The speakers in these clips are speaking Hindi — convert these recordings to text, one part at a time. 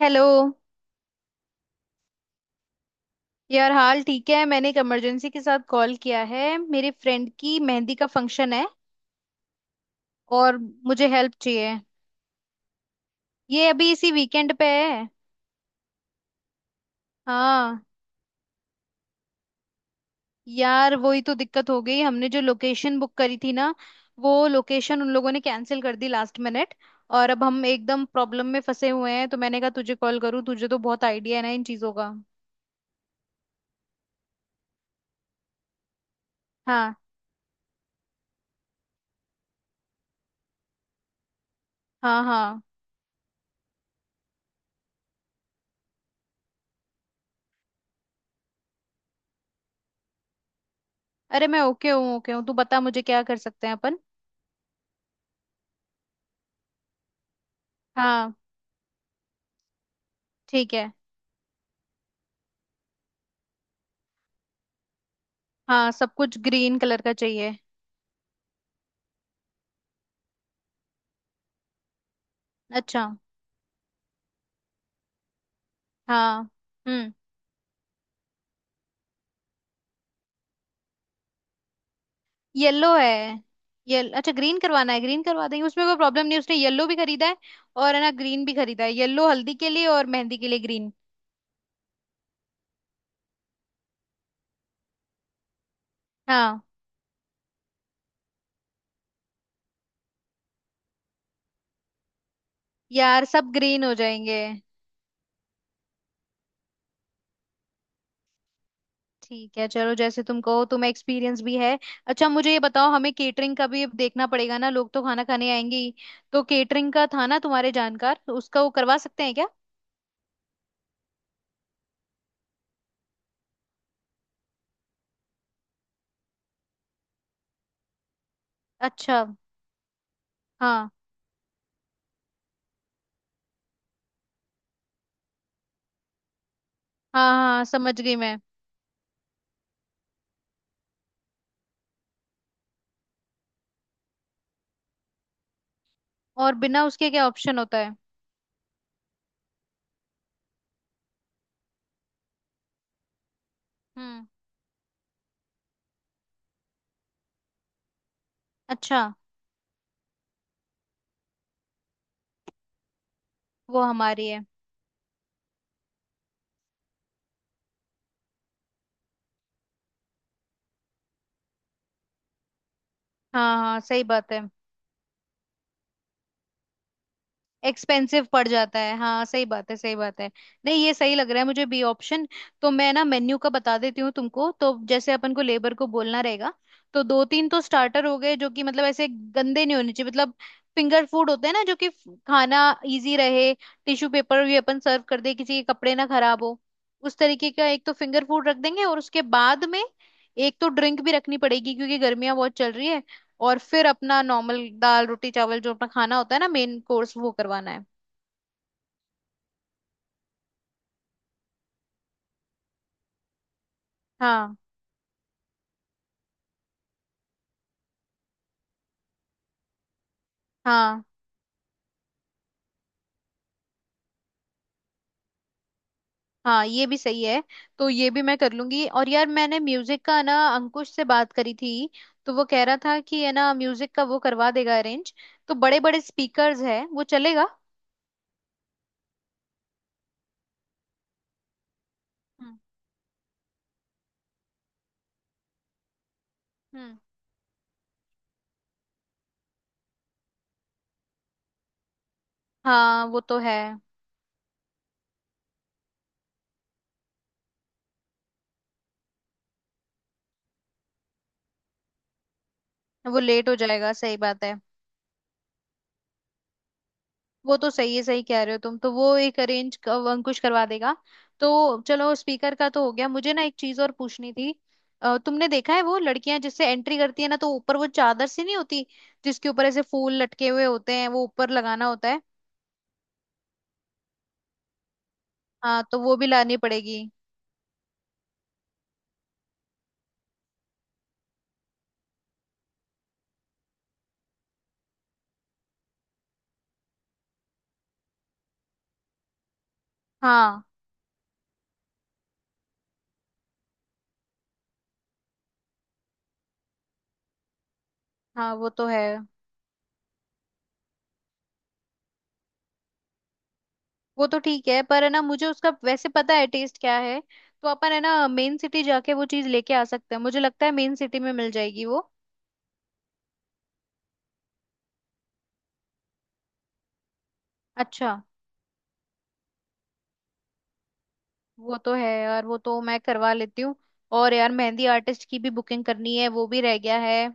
हेलो। यार हाल ठीक है, मैंने एक इमरजेंसी के साथ कॉल किया है। मेरे फ्रेंड की मेहंदी का फंक्शन है और मुझे हेल्प चाहिए। ये अभी इसी वीकेंड पे है। हाँ यार, वही तो दिक्कत हो गई। हमने जो लोकेशन बुक करी थी ना, वो लोकेशन उन लोगों ने कैंसिल कर दी लास्ट मिनट। और अब हम एकदम प्रॉब्लम में फंसे हुए हैं, तो मैंने कहा तुझे कॉल करूँ, तुझे तो बहुत आइडिया है ना इन चीज़ों का। हाँ हाँ। हाँ। अरे मैं ओके हूँ, ओके हूँ, तू बता मुझे क्या कर सकते हैं अपन। हाँ ठीक है। हाँ, सब कुछ ग्रीन कलर का चाहिए। अच्छा। हाँ। हम्म। येलो है। ये अच्छा, ग्रीन करवाना है ग्रीन करवा देंगे, उसमें कोई प्रॉब्लम नहीं है, उसने येलो भी खरीदा है और है ना ग्रीन भी खरीदा है। येलो हल्दी के लिए और मेहंदी के लिए ग्रीन। हाँ यार, सब ग्रीन हो जाएंगे। ठीक है चलो, जैसे तुम कहो, तुम्हें एक्सपीरियंस भी है। अच्छा मुझे ये बताओ, हमें केटरिंग का भी अब देखना पड़ेगा ना, लोग तो खाना खाने आएंगे ही। तो केटरिंग का था ना तुम्हारे जानकार, तो उसका वो करवा सकते हैं क्या? अच्छा। हाँ। हाँ हाँ समझ गई मैं। और बिना उसके क्या ऑप्शन होता है? हम्म। अच्छा। वो हमारी है। हाँ हाँ, सही बात है। एक्सपेंसिव पड़ जाता है, हाँ सही बात है, सही बात है। नहीं, ये सही लग रहा है मुझे, बी ऑप्शन। तो मैं ना मेन्यू का बता देती हूँ तुमको, तो जैसे अपन को लेबर को बोलना रहेगा। तो दो तीन तो स्टार्टर हो गए, जो कि मतलब ऐसे गंदे नहीं होने चाहिए, मतलब फिंगर फूड होते हैं ना, जो कि खाना इजी रहे। टिश्यू पेपर भी अपन सर्व कर दे, किसी के कपड़े ना खराब हो, उस तरीके का। एक तो फिंगर फूड रख देंगे, और उसके बाद में एक तो ड्रिंक भी रखनी पड़ेगी, क्योंकि गर्मियां बहुत चल रही है। और फिर अपना नॉर्मल दाल रोटी चावल जो अपना खाना होता है ना, मेन कोर्स, वो करवाना है। हाँ। हाँ। हाँ ये भी सही है। तो ये भी मैं कर लूंगी। और यार मैंने म्यूजिक का ना अंकुश से बात करी थी, तो वो कह रहा था कि है ना, म्यूजिक का वो करवा देगा अरेंज। तो बड़े बड़े स्पीकर्स है, वो चलेगा। हम्म हम्म। हाँ वो तो है। वो लेट हो जाएगा, सही बात है। वो तो सही है, सही कह रहे हो तुम, तो वो एक अरेंज अंकुश करवा देगा। तो चलो स्पीकर का तो हो गया। मुझे ना एक चीज और पूछनी थी। तुमने देखा है वो लड़कियां जिससे एंट्री करती है ना, तो ऊपर वो चादर सी नहीं होती, जिसके ऊपर ऐसे फूल लटके हुए होते हैं, वो ऊपर लगाना होता है। हाँ, तो वो भी लानी पड़ेगी। हाँ। हाँ वो तो है। वो तो ठीक है, पर है ना मुझे उसका वैसे पता है टेस्ट क्या है। तो अपन है ना मेन सिटी जाके वो चीज लेके आ सकते हैं, मुझे लगता है मेन सिटी में मिल जाएगी वो। अच्छा। वो तो है यार, वो तो मैं करवा लेती हूँ। और यार मेहंदी आर्टिस्ट की भी बुकिंग करनी है, वो भी रह गया है।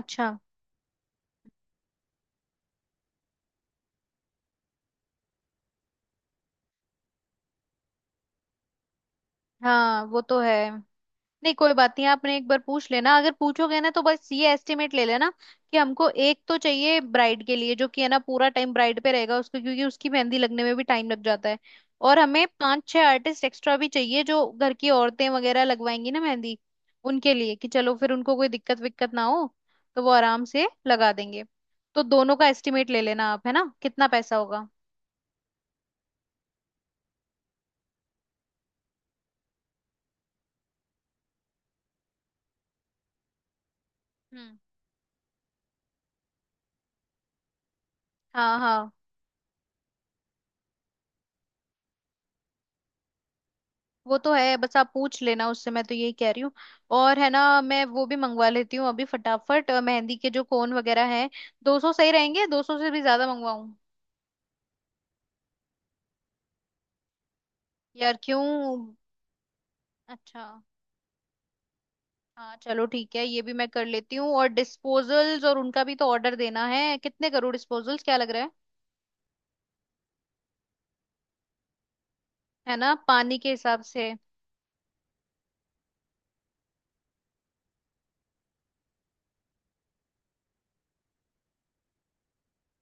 अच्छा। हाँ वो तो है। नहीं कोई बात नहीं, आपने एक बार पूछ लेना, अगर पूछोगे ना तो बस ये एस्टिमेट ले लेना, कि हमको एक तो चाहिए ब्राइड के लिए, जो कि है ना पूरा टाइम ब्राइड पे रहेगा उसको, क्योंकि उसकी मेहंदी लगने में भी टाइम लग जाता है। और हमें पांच छह आर्टिस्ट एक्स्ट्रा भी चाहिए, जो घर की औरतें वगैरह लगवाएंगी ना मेहंदी, उनके लिए, कि चलो फिर उनको कोई दिक्कत विक्कत ना हो, तो वो आराम से लगा देंगे। तो दोनों का एस्टिमेट ले लेना आप है ना, कितना पैसा होगा। हम्म। हाँ। हाँ वो तो है, बस आप पूछ लेना उससे, मैं तो यही कह रही हूँ। और है ना मैं वो भी मंगवा लेती हूँ अभी फटाफट, मेहंदी के जो कोन वगैरह हैं, 200 सही रहेंगे? 200 से भी ज्यादा मंगवाऊँ? यार क्यों? अच्छा। हाँ चलो ठीक है, ये भी मैं कर लेती हूँ। और डिस्पोजल्स, और उनका भी तो ऑर्डर देना है, कितने करूँ डिस्पोजल्स, क्या लग रहा है? है ना, पानी के हिसाब से।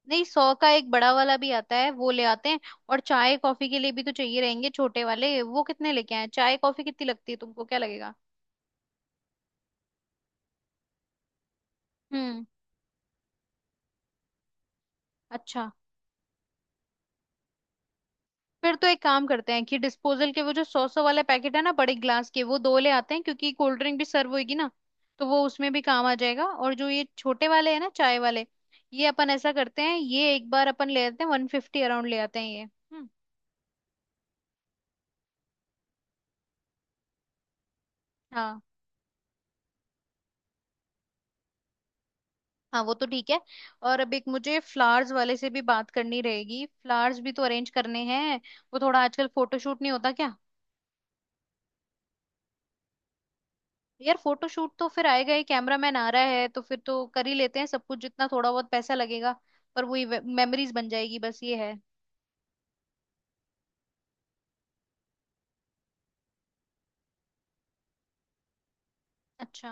नहीं, 100 का एक बड़ा वाला भी आता है, वो ले आते हैं। और चाय कॉफी के लिए भी तो चाहिए रहेंगे छोटे वाले, वो कितने लेके आए? चाय कॉफी कितनी लगती है, तुमको क्या लगेगा? हम्म। अच्छा। फिर तो एक काम करते हैं कि डिस्पोजल के वो जो 100-100 वाले पैकेट है ना बड़े ग्लास के, वो दो ले आते हैं क्योंकि कोल्ड ड्रिंक भी सर्व होगी ना, तो वो उसमें भी काम आ जाएगा। और जो ये छोटे वाले हैं ना, चाय वाले, ये अपन ऐसा करते हैं, ये एक बार अपन ले आते हैं, 150 अराउंड ले आते हैं ये। हम्म। हाँ हाँ वो तो ठीक है। और अब एक मुझे फ्लावर्स वाले से भी बात करनी रहेगी, फ्लावर्स भी तो अरेंज करने हैं। वो थोड़ा आजकल फोटोशूट नहीं होता क्या? यार फोटोशूट तो फिर आएगा ही, कैमरामैन आ रहा है तो फिर तो कर ही लेते हैं सब कुछ, जितना थोड़ा बहुत पैसा लगेगा, पर वही मेमोरीज बन जाएगी, बस ये है। अच्छा।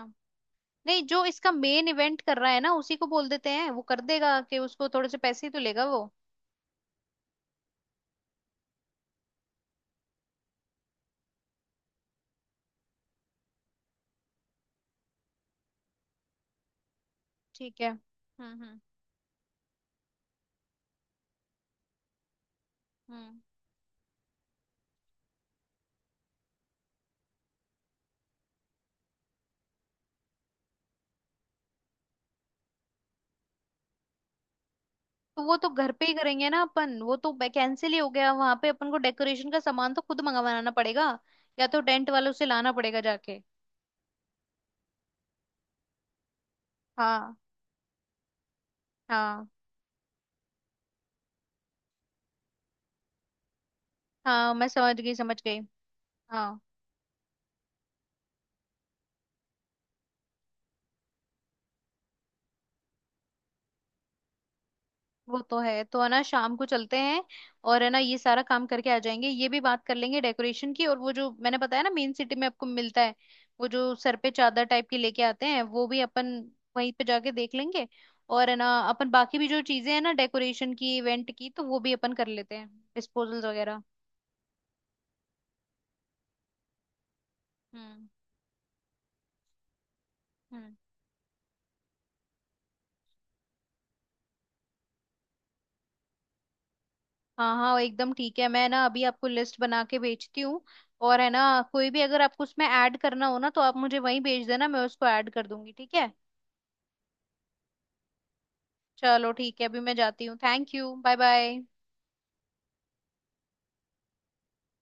नहीं, जो इसका मेन इवेंट कर रहा है ना, उसी को बोल देते हैं वो कर देगा, कि उसको थोड़े से पैसे ही तो लेगा वो। ठीक है। हम्म। हम्म। तो वो तो घर पे ही करेंगे ना अपन, वो तो कैंसिल ही हो गया। वहां पे अपन को डेकोरेशन का सामान तो खुद मंगवाना पड़ेगा, या तो टेंट वालों से लाना पड़ेगा जाके। हाँ। हाँ। हाँ मैं समझ गई, समझ गई। हाँ वो तो है, तो है ना शाम को चलते हैं, और है ना ये सारा काम करके आ जाएंगे, ये भी बात कर लेंगे डेकोरेशन की। और वो जो मैंने बताया ना मेन सिटी में आपको मिलता है, वो जो सर पे चादर टाइप की लेके आते हैं, वो भी अपन वहीं पे जाके देख लेंगे। और है ना अपन बाकी भी जो चीजें हैं ना डेकोरेशन की, इवेंट की, तो वो भी अपन कर लेते हैं, डिस्पोजल्स वगैरह। हम्म। हम्म। हाँ हाँ एकदम ठीक है, मैं ना अभी आपको लिस्ट बना के भेजती हूँ। और है ना, कोई भी अगर आपको उसमें ऐड करना हो ना, तो आप मुझे वहीं भेज देना, मैं उसको ऐड कर दूंगी, ठीक है। चलो ठीक है, अभी मैं जाती हूँ, थैंक यू, बाय बाय।